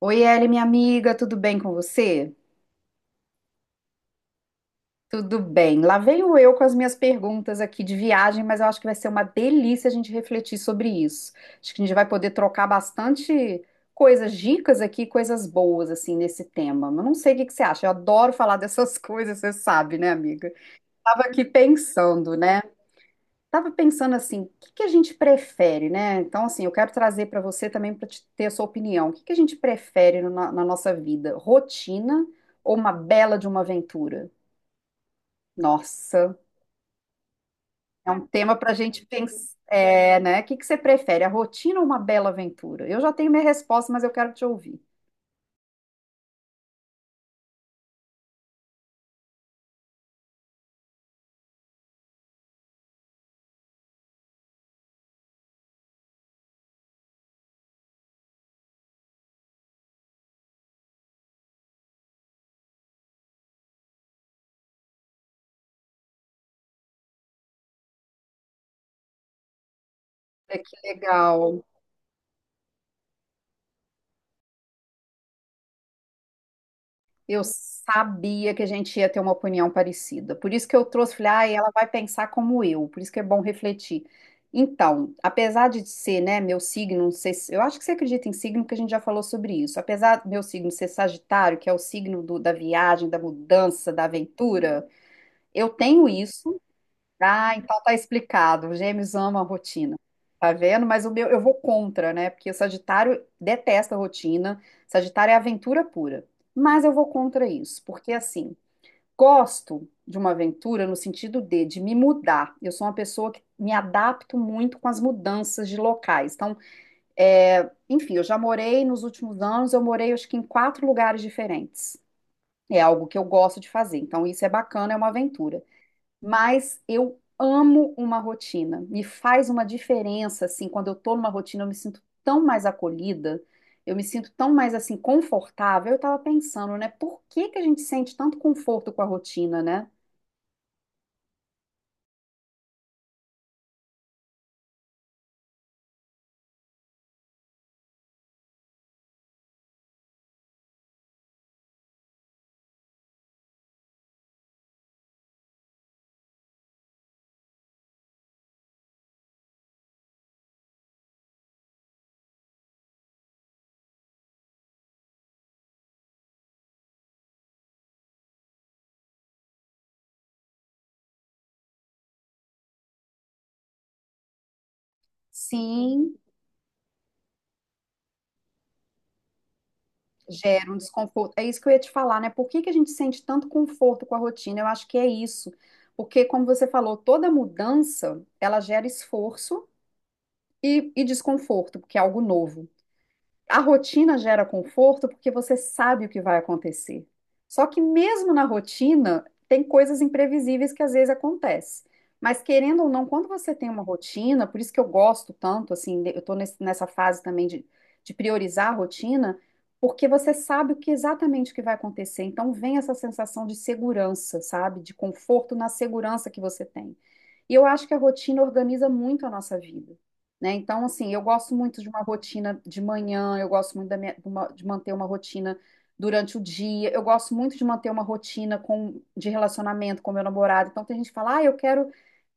Oi, Eli, minha amiga, tudo bem com você? Tudo bem. Lá venho eu com as minhas perguntas aqui de viagem, mas eu acho que vai ser uma delícia a gente refletir sobre isso. Acho que a gente vai poder trocar bastante coisas, dicas aqui, coisas boas assim nesse tema. Mas não sei o que que você acha. Eu adoro falar dessas coisas, você sabe, né, amiga? Tava aqui pensando, né? Estava pensando assim, o que que a gente prefere, né? Então, assim, eu quero trazer para você também para ter a sua opinião. O que que a gente prefere na, na nossa vida? Rotina ou uma bela de uma aventura? Nossa, é um tema para a gente pensar, é, né? O que que você prefere, a rotina ou uma bela aventura? Eu já tenho minha resposta, mas eu quero te ouvir. É que legal. Eu sabia que a gente ia ter uma opinião parecida. Por isso que eu trouxe, falei, ah, ela vai pensar como eu, por isso que é bom refletir. Então, apesar de ser, né, meu signo, não sei eu acho que você acredita em signo, porque a gente já falou sobre isso. Apesar do meu signo ser Sagitário, que é o signo da viagem, da mudança, da aventura, eu tenho isso, ah, então tá explicado. Gêmeos amam a rotina. Tá vendo? Mas o meu, eu vou contra, né? Porque o Sagitário detesta a rotina. Sagitário é aventura pura. Mas eu vou contra isso, porque assim, gosto de uma aventura no sentido de me mudar. Eu sou uma pessoa que me adapto muito com as mudanças de locais. Então, enfim, eu já morei nos últimos anos, eu morei acho que em quatro lugares diferentes. É algo que eu gosto de fazer. Então, isso é bacana, é uma aventura, mas eu amo uma rotina. Me faz uma diferença, assim, quando eu tô numa rotina, eu me sinto tão mais acolhida, eu me sinto tão mais, assim, confortável. Eu tava pensando, né, por que que a gente sente tanto conforto com a rotina, né? Sim, gera um desconforto. É isso que eu ia te falar, né? Por que que a gente sente tanto conforto com a rotina? Eu acho que é isso. Porque, como você falou, toda mudança, ela gera esforço e desconforto, porque é algo novo. A rotina gera conforto porque você sabe o que vai acontecer. Só que mesmo na rotina, tem coisas imprevisíveis que às vezes acontecem. Mas querendo ou não, quando você tem uma rotina, por isso que eu gosto tanto, assim, eu estou nessa fase também de priorizar a rotina, porque você sabe o que exatamente o que vai acontecer. Então vem essa sensação de segurança, sabe? De conforto na segurança que você tem. E eu acho que a rotina organiza muito a nossa vida, né? Então, assim, eu gosto muito de uma rotina de manhã, eu gosto muito de, de manter uma rotina durante o dia, eu gosto muito de manter uma rotina com, de relacionamento com meu namorado. Então, tem gente que fala, ah, eu quero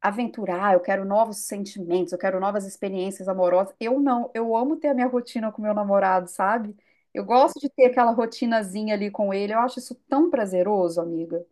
aventurar, eu quero novos sentimentos, eu quero novas experiências amorosas. Eu não, eu amo ter a minha rotina com meu namorado, sabe? Eu gosto de ter aquela rotinazinha ali com ele, eu acho isso tão prazeroso, amiga.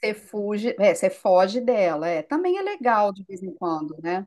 Você fuge, é, você foge dela. É. Também é legal de vez em quando, né?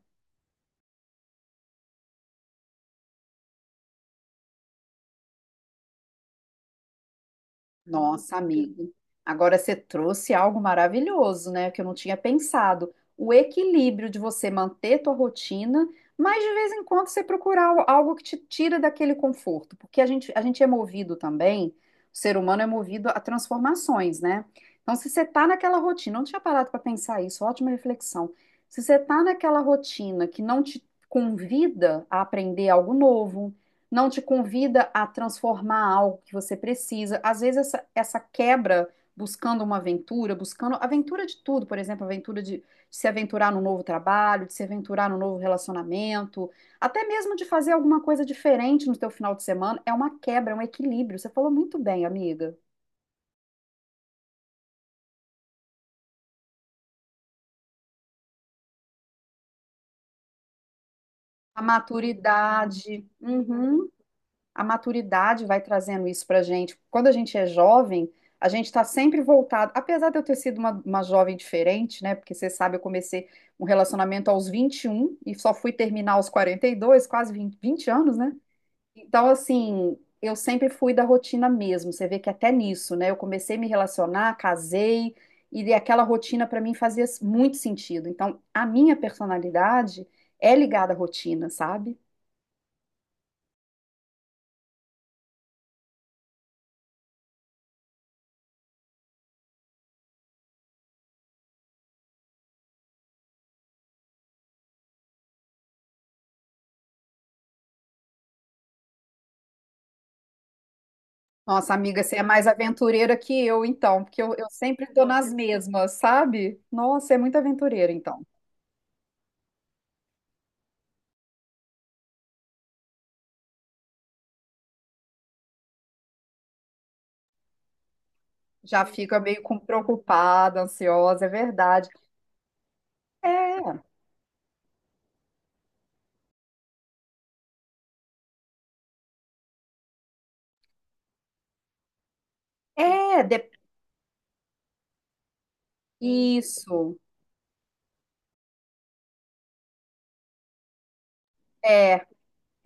Nossa, amigo. Agora você trouxe algo maravilhoso, né? Que eu não tinha pensado. O equilíbrio de você manter tua rotina, mas de vez em quando você procurar algo que te tira daquele conforto. Porque a gente é movido também, o ser humano é movido a transformações, né? Então, se você tá naquela rotina, não tinha parado para pensar isso, ótima reflexão. Se você tá naquela rotina que não te convida a aprender algo novo, não te convida a transformar algo que você precisa. Às vezes, essa quebra, buscando uma aventura, buscando aventura de tudo, por exemplo, aventura de se aventurar num novo trabalho, de se aventurar num novo relacionamento, até mesmo de fazer alguma coisa diferente no teu final de semana, é uma quebra, é um equilíbrio. Você falou muito bem, amiga. A maturidade. Uhum. A maturidade vai trazendo isso para gente. Quando a gente é jovem, a gente está sempre voltado. Apesar de eu ter sido uma jovem diferente, né? Porque você sabe, eu comecei um relacionamento aos vinte e um e só fui terminar aos 42, quase 20 20 anos, né? Então, assim, eu sempre fui da rotina mesmo. Você vê que até nisso, né? Eu comecei a me relacionar, casei, e aquela rotina para mim fazia muito sentido. Então, a minha personalidade é ligada à rotina, sabe? Nossa, amiga, você é mais aventureira que eu, então, porque eu sempre estou nas mesmas, sabe? Nossa, é muito aventureira, então. Já fica meio com preocupada, ansiosa, é verdade. É, é, de- isso. É.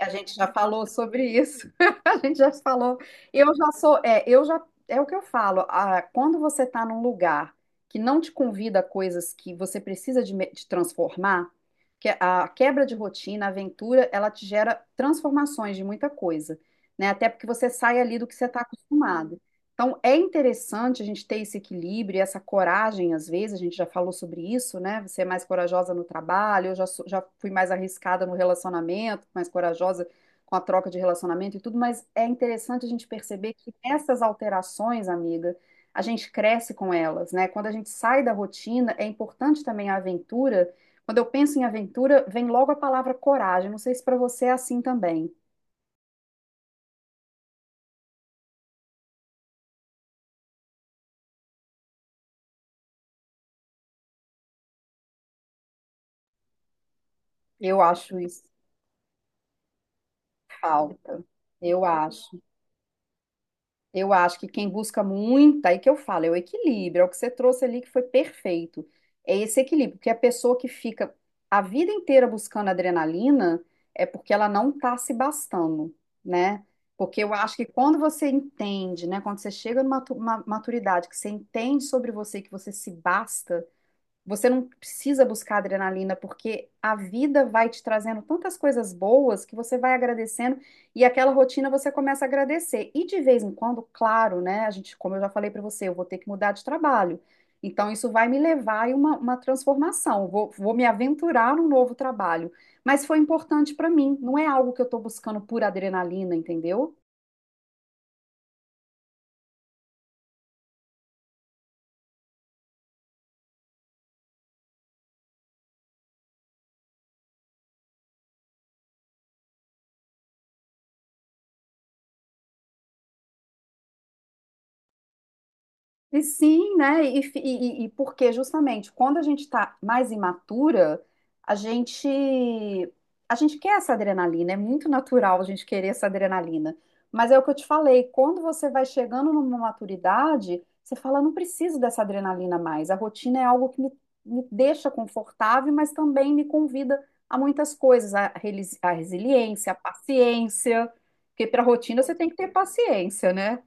A gente já falou sobre isso. A gente já falou. Eu já sou, é, eu já, é o que eu falo. Ah, quando você está num lugar que não te convida a coisas que você precisa de transformar, que a quebra de rotina, a aventura, ela te gera transformações de muita coisa, né? Até porque você sai ali do que você está acostumado. Então, é interessante a gente ter esse equilíbrio, e essa coragem, às vezes, a gente já falou sobre isso, né? Você é mais corajosa no trabalho, já fui mais arriscada no relacionamento, mais corajosa com a troca de relacionamento e tudo, mas é interessante a gente perceber que essas alterações, amiga, a gente cresce com elas, né? Quando a gente sai da rotina, é importante também a aventura. Quando eu penso em aventura, vem logo a palavra coragem. Não sei se para você é assim também. Eu acho isso falta. Eu acho. Eu acho que quem busca muito, aí que eu falo, é o equilíbrio, é o que você trouxe ali que foi perfeito. É esse equilíbrio, porque a pessoa que fica a vida inteira buscando adrenalina é porque ela não está se bastando, né? Porque eu acho que quando você entende, né, quando você chega numa uma maturidade que você entende sobre você, que você se basta, você não precisa buscar adrenalina, porque a vida vai te trazendo tantas coisas boas que você vai agradecendo e aquela rotina você começa a agradecer. E de vez em quando, claro, né? A gente, como eu já falei para você, eu vou ter que mudar de trabalho. Então, isso vai me levar a uma transformação. Vou me aventurar num novo trabalho. Mas foi importante para mim, não é algo que eu estou buscando por adrenalina, entendeu? E sim, né? E porque justamente quando a gente está mais imatura, a gente a gente quer essa adrenalina, é muito natural a gente querer essa adrenalina. Mas é o que eu te falei, quando você vai chegando numa maturidade, você fala, não preciso dessa adrenalina mais. A rotina é algo me deixa confortável, mas também me convida a muitas coisas, a resiliência, a paciência, porque para rotina você tem que ter paciência, né?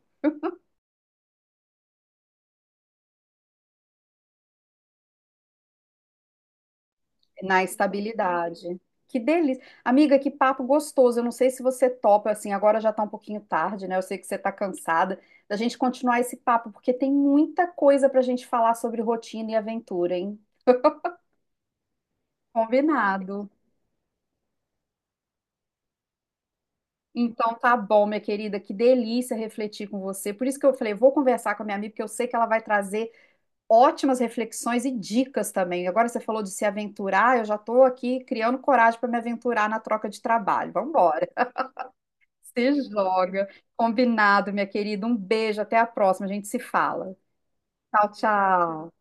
Na estabilidade. Que delícia. Amiga, que papo gostoso. Eu não sei se você topa, assim, agora já tá um pouquinho tarde, né? Eu sei que você tá cansada da gente continuar esse papo, porque tem muita coisa pra gente falar sobre rotina e aventura, hein? Combinado. Então tá bom, minha querida, que delícia refletir com você. Por isso que eu falei, vou conversar com a minha amiga, porque eu sei que ela vai trazer ótimas reflexões e dicas também. Agora você falou de se aventurar, eu já tô aqui criando coragem para me aventurar na troca de trabalho. Vamos. Se joga. Combinado, minha querida. Um beijo, até a próxima. A gente se fala. Tchau, tchau.